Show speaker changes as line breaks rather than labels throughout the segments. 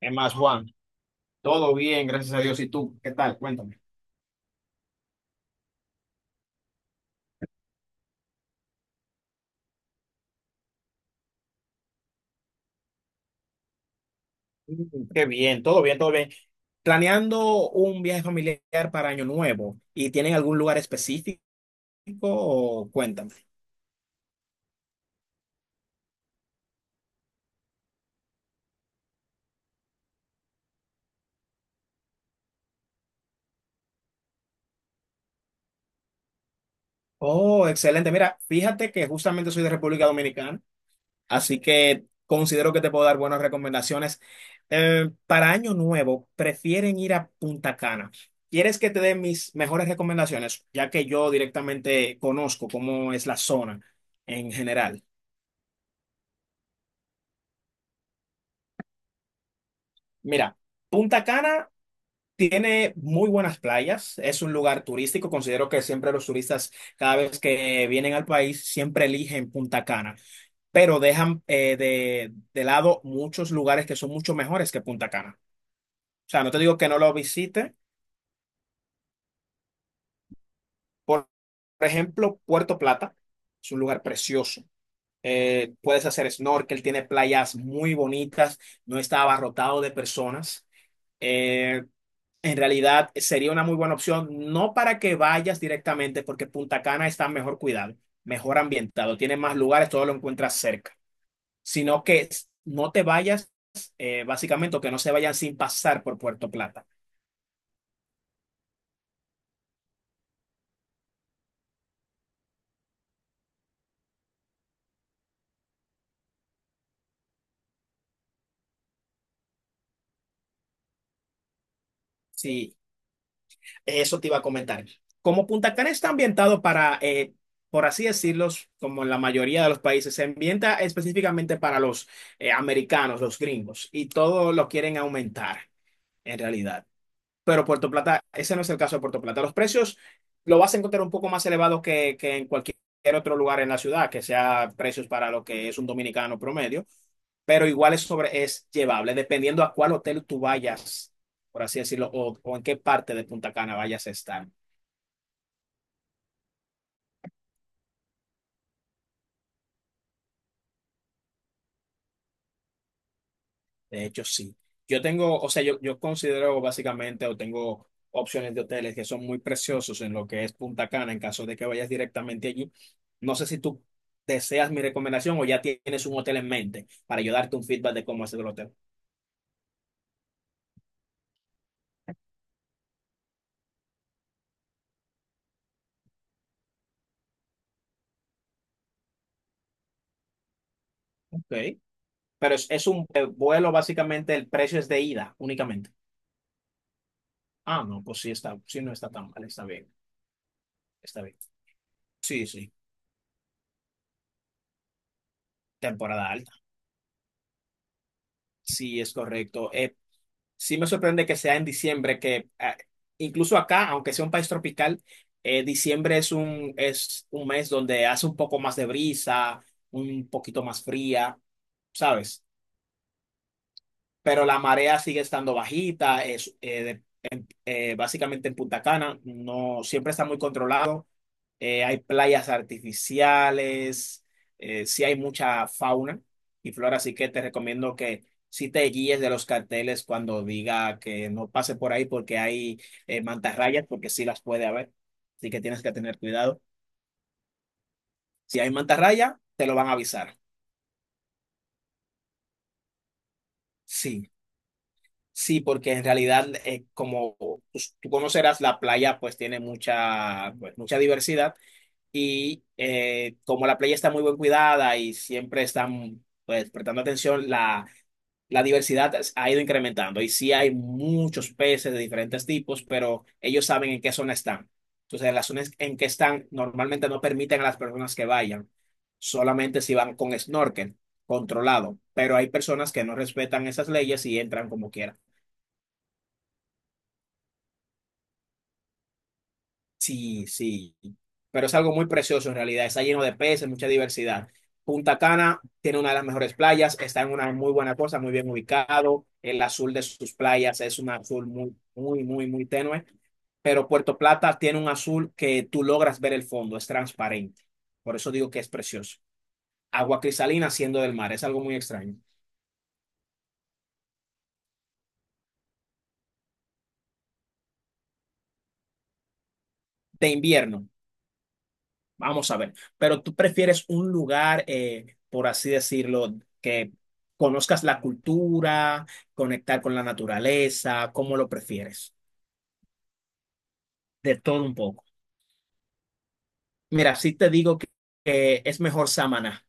Es más, Juan, todo bien, gracias a Dios. ¿Y tú? ¿Qué tal? Cuéntame. Qué bien, todo bien, todo bien. Planeando un viaje familiar para Año Nuevo, ¿y tienen algún lugar específico? O Cuéntame. Oh, excelente. Mira, fíjate que justamente soy de República Dominicana, así que considero que te puedo dar buenas recomendaciones. Para Año Nuevo, prefieren ir a Punta Cana. ¿Quieres que te dé mis mejores recomendaciones, ya que yo directamente conozco cómo es la zona en general? Mira, Punta Cana tiene muy buenas playas, es un lugar turístico, considero que siempre los turistas cada vez que vienen al país siempre eligen Punta Cana, pero dejan de lado muchos lugares que son mucho mejores que Punta Cana. O sea, no te digo que no lo visite, por, por ejemplo, Puerto Plata es un lugar precioso. Puedes hacer snorkel, tiene playas muy bonitas, no está abarrotado de personas. Eh, En realidad sería una muy buena opción, no para que vayas directamente, porque Punta Cana está mejor cuidado, mejor ambientado, tiene más lugares, todo lo encuentras cerca, sino que no te vayas, básicamente, o que no se vayan sin pasar por Puerto Plata. Sí, eso te iba a comentar. Como Punta Cana está ambientado para, por así decirlo, como en la mayoría de los países, se ambienta específicamente para los americanos, los gringos, y todo lo quieren aumentar, en realidad. Pero Puerto Plata, ese no es el caso de Puerto Plata. Los precios lo vas a encontrar un poco más elevados que en cualquier otro lugar en la ciudad, que sea precios para lo que es un dominicano promedio, pero igual es, sobre, es llevable, dependiendo a cuál hotel tú vayas, por así decirlo, o en qué parte de Punta Cana vayas a estar. De hecho, sí. Yo tengo, o sea, yo considero básicamente o tengo opciones de hoteles que son muy preciosos en lo que es Punta Cana, en caso de que vayas directamente allí. No sé si tú deseas mi recomendación o ya tienes un hotel en mente para yo darte un feedback de cómo es el hotel. Ok. Pero es un vuelo, básicamente el precio es de ida únicamente. Ah, no, pues sí está, sí no está tan mal, está bien, está bien. Sí, sí, temporada alta. Sí, es correcto. Sí me sorprende que sea en diciembre, que ah, incluso acá, aunque sea un país tropical, diciembre es un mes donde hace un poco más de brisa, un poquito más fría, ¿sabes? Pero la marea sigue estando bajita, es, básicamente en Punta Cana, no siempre está muy controlado. Hay playas artificiales, sí hay mucha fauna y flora, así que te recomiendo que sí te guíes de los carteles cuando diga que no pase por ahí porque hay mantarrayas, porque sí las puede haber, así que tienes que tener cuidado. Si hay mantarraya, te lo van a avisar. Sí, sí, porque en realidad, como pues, tú conocerás, la playa pues tiene mucha, pues, mucha diversidad. Y como la playa está muy bien cuidada y siempre están pues, prestando atención, la diversidad ha ido incrementando. Y sí hay muchos peces de diferentes tipos, pero ellos saben en qué zona están. Entonces, en las zonas en que están normalmente no permiten a las personas que vayan, solamente si van con snorkel controlado. Pero hay personas que no respetan esas leyes y entran como quieran. Sí, sí, pero es algo muy precioso en realidad. Está lleno de peces, mucha diversidad. Punta Cana tiene una de las mejores playas, está en una muy buena cosa, muy bien ubicado. El azul de sus playas es un azul muy, muy, muy, muy tenue. Pero Puerto Plata tiene un azul que tú logras ver el fondo, es transparente. Por eso digo que es precioso. Agua cristalina siendo del mar, es algo muy extraño. De invierno. Vamos a ver, pero tú prefieres un lugar, por así decirlo, que conozcas la cultura, conectar con la naturaleza, ¿cómo lo prefieres? De todo un poco. Mira, sí te digo que es mejor Samaná.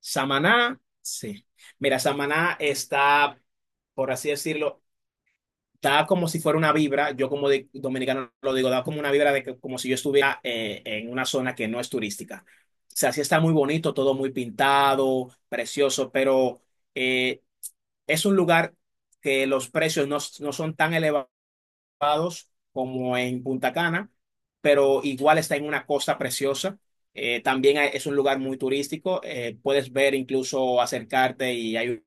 Samaná, sí. Mira, Samaná está, por así decirlo, da como si fuera una vibra, yo como dominicano lo digo, da como una vibra de que, como si yo estuviera en una zona que no es turística. O sea, sí está muy bonito, todo muy pintado, precioso, pero eh, es un lugar que los precios no, no son tan elevados como en Punta Cana, pero igual está en una costa preciosa. También es un lugar muy turístico, puedes ver incluso acercarte y hay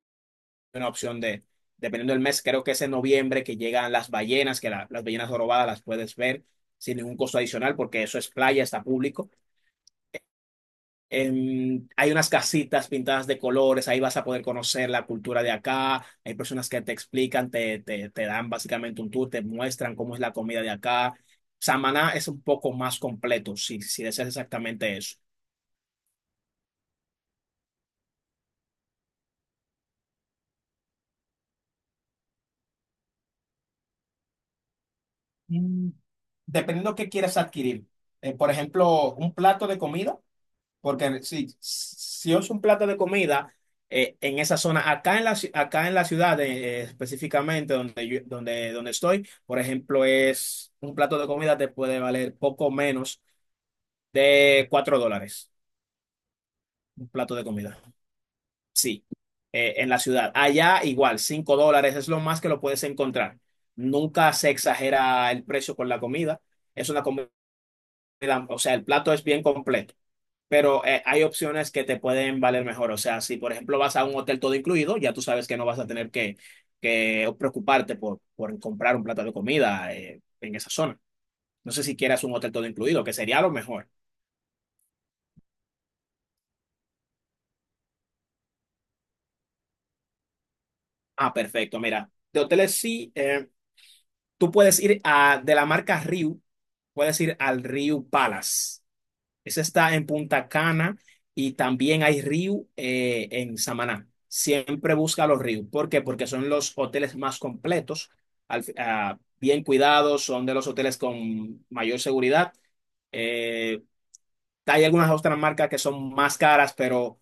una opción de, dependiendo del mes, creo que es en noviembre que llegan las ballenas, que las ballenas jorobadas las puedes ver sin ningún costo adicional, porque eso es playa, está público. Hay unas casitas pintadas de colores, ahí vas a poder conocer la cultura de acá, hay personas que te explican, te dan básicamente un tour, te muestran cómo es la comida de acá. Samaná es un poco más completo, si deseas exactamente eso. Mm, Dependiendo qué quieras adquirir. Por ejemplo, un plato de comida. Porque si es un plato de comida en esa zona, acá en acá en la ciudad específicamente donde, donde, donde estoy, por ejemplo, es un plato de comida te puede valer poco menos de $4, un plato de comida. Sí, en la ciudad. Allá igual, $5 es lo más que lo puedes encontrar. Nunca se exagera el precio con la comida. Es una comida, o sea, el plato es bien completo. Pero hay opciones que te pueden valer mejor. O sea, si por ejemplo vas a un hotel todo incluido, ya tú sabes que no vas a tener que preocuparte por comprar un plato de comida en esa zona. No sé si quieras un hotel todo incluido, que sería lo mejor. Ah, perfecto. Mira, de hoteles sí, tú puedes ir a, de la marca Riu, puedes ir al Riu Palace. Esa está en Punta Cana y también hay Riu en Samaná. Siempre busca los Riu. ¿Por qué? Porque son los hoteles más completos, al ah, bien cuidados, son de los hoteles con mayor seguridad. Eh, Hay algunas otras marcas que son más caras, pero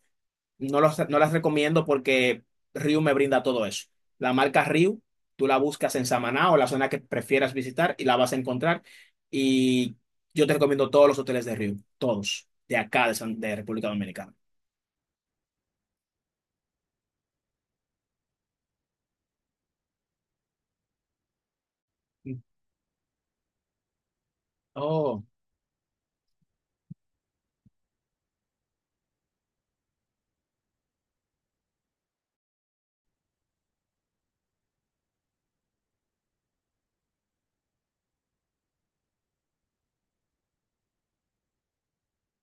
no, no las recomiendo porque Ryu me brinda todo eso. La marca Ryu, tú la buscas en Samaná o la zona que prefieras visitar y la vas a encontrar. Y yo te recomiendo todos los hoteles de Ryu, todos, de acá, de República Dominicana. Oh,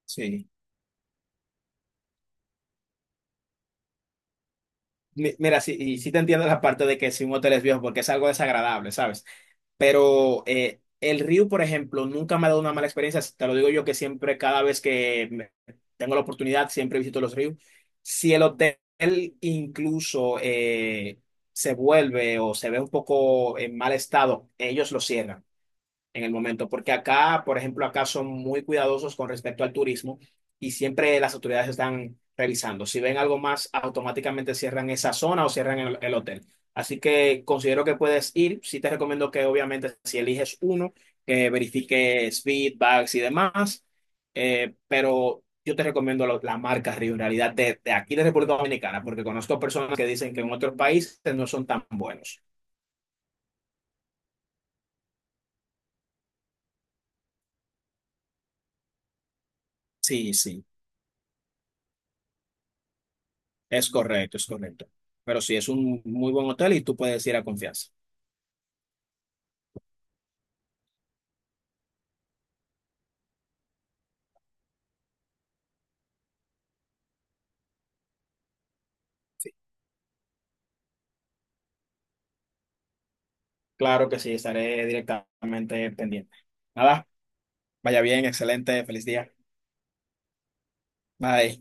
sí. Mira, sí, y sí te entiendo la parte de que si un hotel es viejo, porque es algo desagradable, ¿sabes? Pero el Ryu, por ejemplo, nunca me ha dado una mala experiencia. Te lo digo yo que siempre, cada vez que tengo la oportunidad, siempre visito los Ryu. Si el hotel incluso se vuelve o se ve un poco en mal estado, ellos lo cierran en el momento, porque acá, por ejemplo, acá son muy cuidadosos con respecto al turismo y siempre las autoridades están revisando. Si ven algo más, automáticamente cierran esa zona o cierran el hotel. Así que considero que puedes ir. Sí te recomiendo que obviamente si eliges uno, que verifiques feedbacks y demás, pero yo te recomiendo la marca Río, en realidad de aquí de República Dominicana, porque conozco personas que dicen que en otros países no son tan buenos. Sí, sí. Es correcto, es correcto. Pero sí, es un muy buen hotel y tú puedes ir a confianza. Sí, claro que sí, estaré directamente pendiente. Nada, vaya bien, excelente, feliz día. Bye.